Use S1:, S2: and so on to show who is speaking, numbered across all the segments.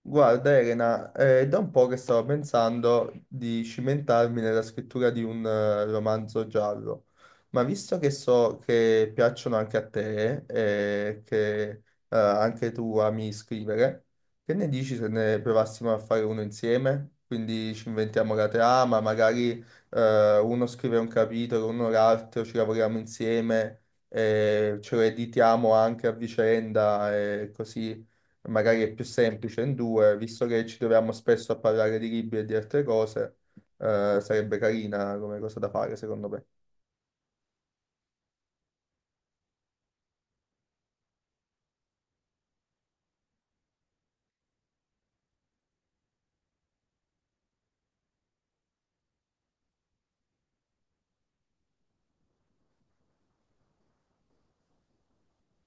S1: Guarda Elena, è da un po' che stavo pensando di cimentarmi nella scrittura di un romanzo giallo, ma visto che so che piacciono anche a te e che anche tu ami scrivere, che ne dici se ne provassimo a fare uno insieme? Quindi ci inventiamo la trama, magari uno scrive un capitolo, uno l'altro, ci lavoriamo insieme, e ce lo editiamo anche a vicenda e così magari è più semplice in due, visto che ci troviamo spesso a parlare di libri e di altre cose, sarebbe carina come cosa da fare, secondo me.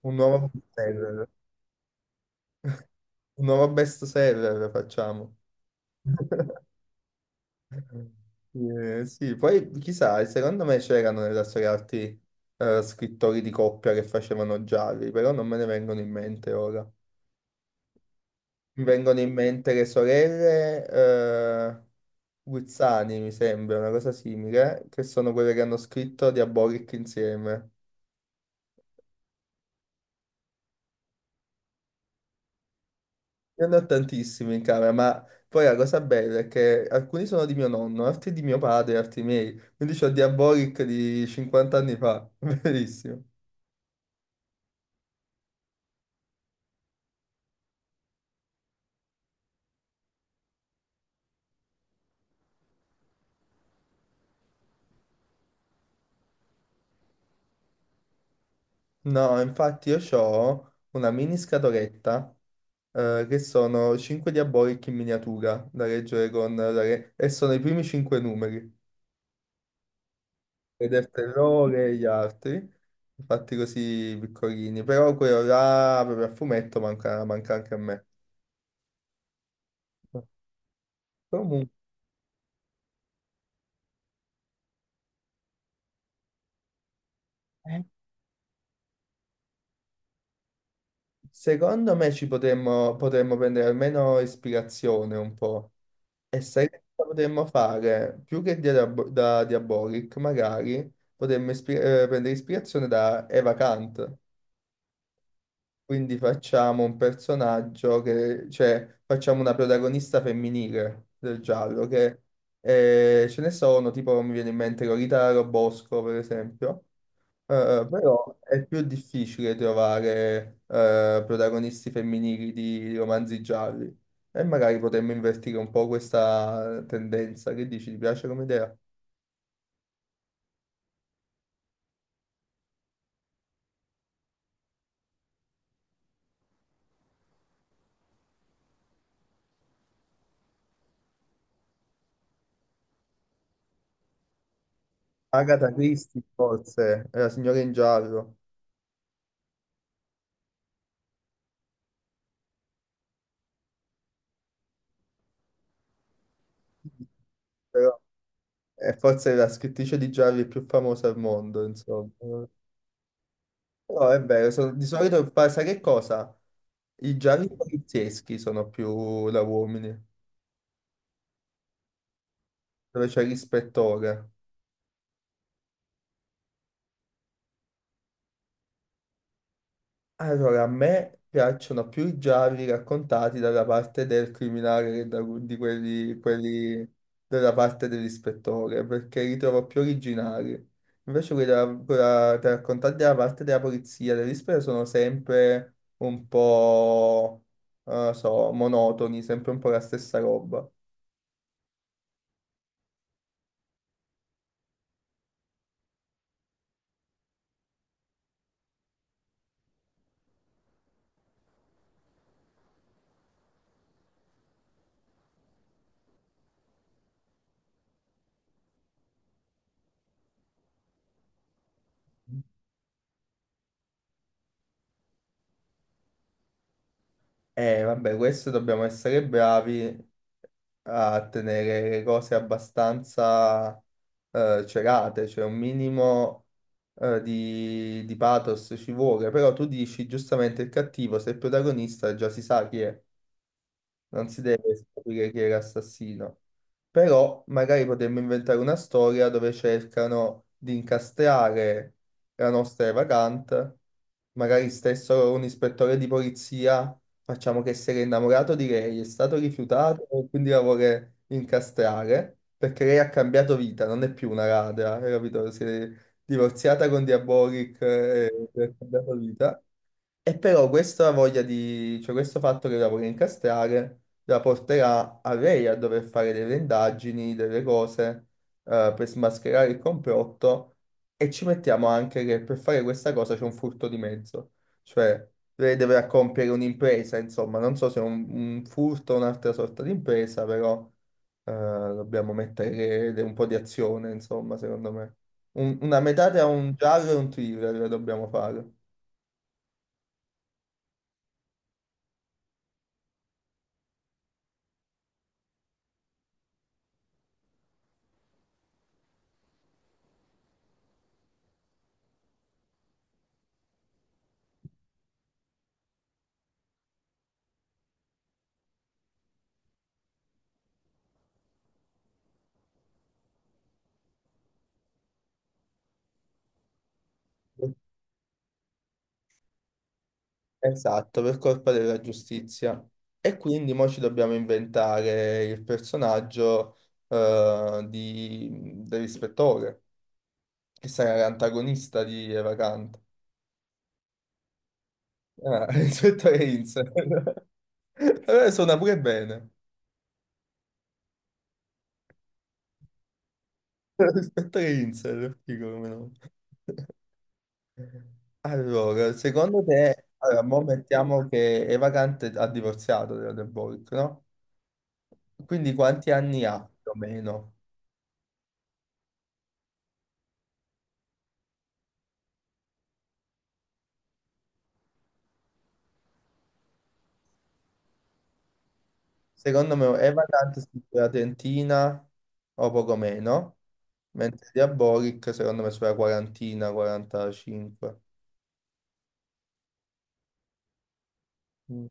S1: Un nuovo bestseller, un nuovo bestseller facciamo. Sì, poi chissà, secondo me c'erano nella storia arti scrittori di coppia che facevano gialli, però non me ne vengono in mente ora. Mi vengono in mente le sorelle, Guzzani, mi sembra, una cosa simile, che sono quelle che hanno scritto Diabolic insieme. Io ne ho tantissimi in camera, ma poi la cosa bella è che alcuni sono di mio nonno, altri di mio padre, altri miei. Quindi c'ho Diabolic di 50 anni fa, bellissimo. No, infatti io ho una mini scatoletta che sono 5 Diabolic in miniatura da leggere con... e sono i primi 5 numeri. Vedertelo loro e gli altri, fatti così piccolini, però quello là proprio a fumetto manca, manca anche a me. Comunque, Eh. secondo me ci potremmo, potremmo prendere almeno ispirazione un po'. E sai che cosa potremmo fare? Più che da Diabolic, magari prendere ispirazione da Eva Kant. Quindi facciamo un personaggio che, cioè, facciamo una protagonista femminile del giallo, che ce ne sono, tipo mi viene in mente Lolita Robosco, per esempio. Eh, però è più difficile trovare protagonisti femminili di romanzi gialli. E magari potremmo invertire un po' questa tendenza. Che dici, ti piace come idea? Agatha Christie, forse, è la signora in giallo, è forse la scrittrice di gialli più famosa al mondo, insomma. Però è vero, di solito sai che cosa? I gialli polizieschi sono più da uomini, dove c'è l'ispettore. Allora, a me piacciono più i gialli raccontati dalla parte del criminale che di quelli, quelli della parte dell'ispettore, perché li trovo più originali. Invece quelli della- quella- da raccontati dalla parte della polizia, dell'ispettore, sono sempre un po', non lo so, monotoni, sempre un po' la stessa roba. E vabbè, questo dobbiamo essere bravi a tenere le cose abbastanza celate, cioè un minimo di pathos ci vuole, però tu dici giustamente il cattivo, se è il protagonista già si sa chi è, non si deve scoprire chi era l'assassino. Però magari potremmo inventare una storia dove cercano di incastrare la nostra evagante, magari stesso un ispettore di polizia, facciamo che si era innamorato di lei, è stato rifiutato, quindi la vuole incastrare, perché lei ha cambiato vita, non è più una ladra, hai capito? Si è divorziata con Diabolic e ha cambiato vita. E però questa voglia di, cioè questo fatto che la vuole incastrare la porterà a lei a dover fare delle indagini, delle cose per smascherare il complotto, e ci mettiamo anche che per fare questa cosa c'è un furto di mezzo, cioè lei deve compiere un'impresa, insomma, non so se è un furto o un'altra sorta di impresa, però dobbiamo mettere un po' di azione, insomma, secondo me. Una metà tra un giallo e un thriller la dobbiamo fare. Esatto, per colpa della giustizia. E quindi mo ci dobbiamo inventare il personaggio dell'ispettore, che sarà l'antagonista di Eva Kant. Ah, ispettore Insel. Allora suona pure bene. Ispettore Insel, figo come nome. Allora, secondo te, allora, mo mettiamo che Eva Kant ha divorziato della De Borg, no? Quindi quanti anni ha più o meno? Secondo me è vacante sulla trentina o poco meno, mentre Diabolic secondo me sulla quarantina, 45. Mm.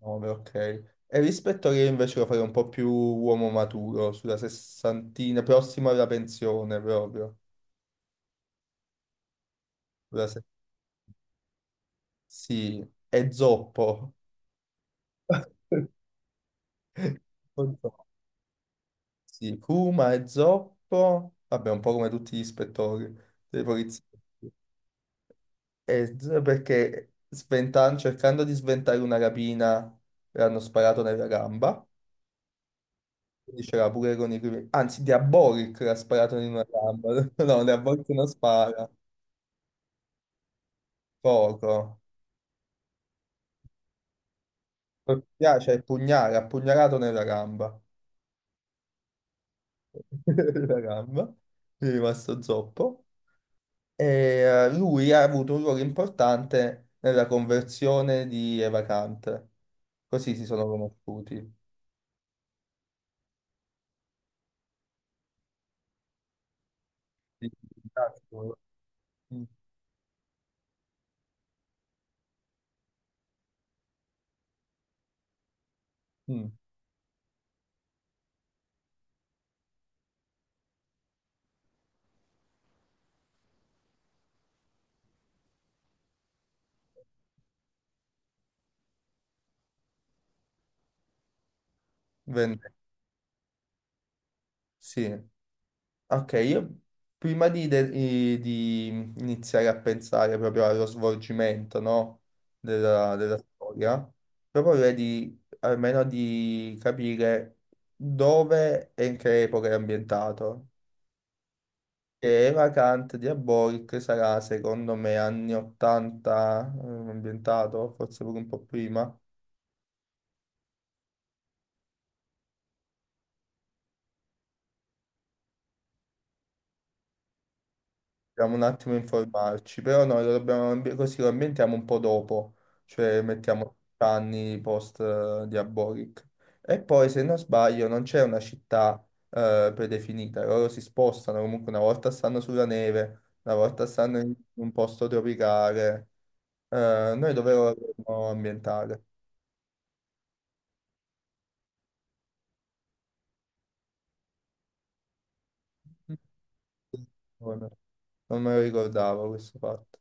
S1: Nove, ok. E rispetto a che invece lo farei un po' più uomo maturo, sulla sessantina, prossimo alla pensione proprio. Sulla se- Sì, è zoppo. Un po'. Sì, Kuma è zoppo, vabbè, un po' come tutti gli ispettori dei poliziotti. Eh, perché cercando di sventare una rapina le hanno sparato nella gamba, quindi c'era pure con i primi... Anzi, Diabolic l'ha sparato in una gamba, no, Diabolic non spara, poco. Cioè, pugnale, ha pugnalato nella gamba. La gamba, gli è rimasto zoppo. E lui ha avuto un ruolo importante nella conversione di Eva Kant. Così si sono conosciuti. Sì, sì, sì. Mm. Mm. Vende- Sì, ok, io prima di, di iniziare a pensare proprio allo svolgimento, no, della, della storia, proporrei di, almeno di capire dove e in che epoca è ambientato. Che Eva Kant di Aboric sarà, secondo me, anni 80 ambientato, forse pure un po' prima. Dobbiamo un attimo informarci, però noi lo dobbiamo, così lo ambientiamo un po' dopo, cioè mettiamo anni post Diabolic. E poi, se non sbaglio, non c'è una città predefinita, loro si spostano, comunque una volta stanno sulla neve, una volta stanno in un posto tropicale. Noi dove lo dovremmo ambientare? Non non me lo ricordavo questo fatto.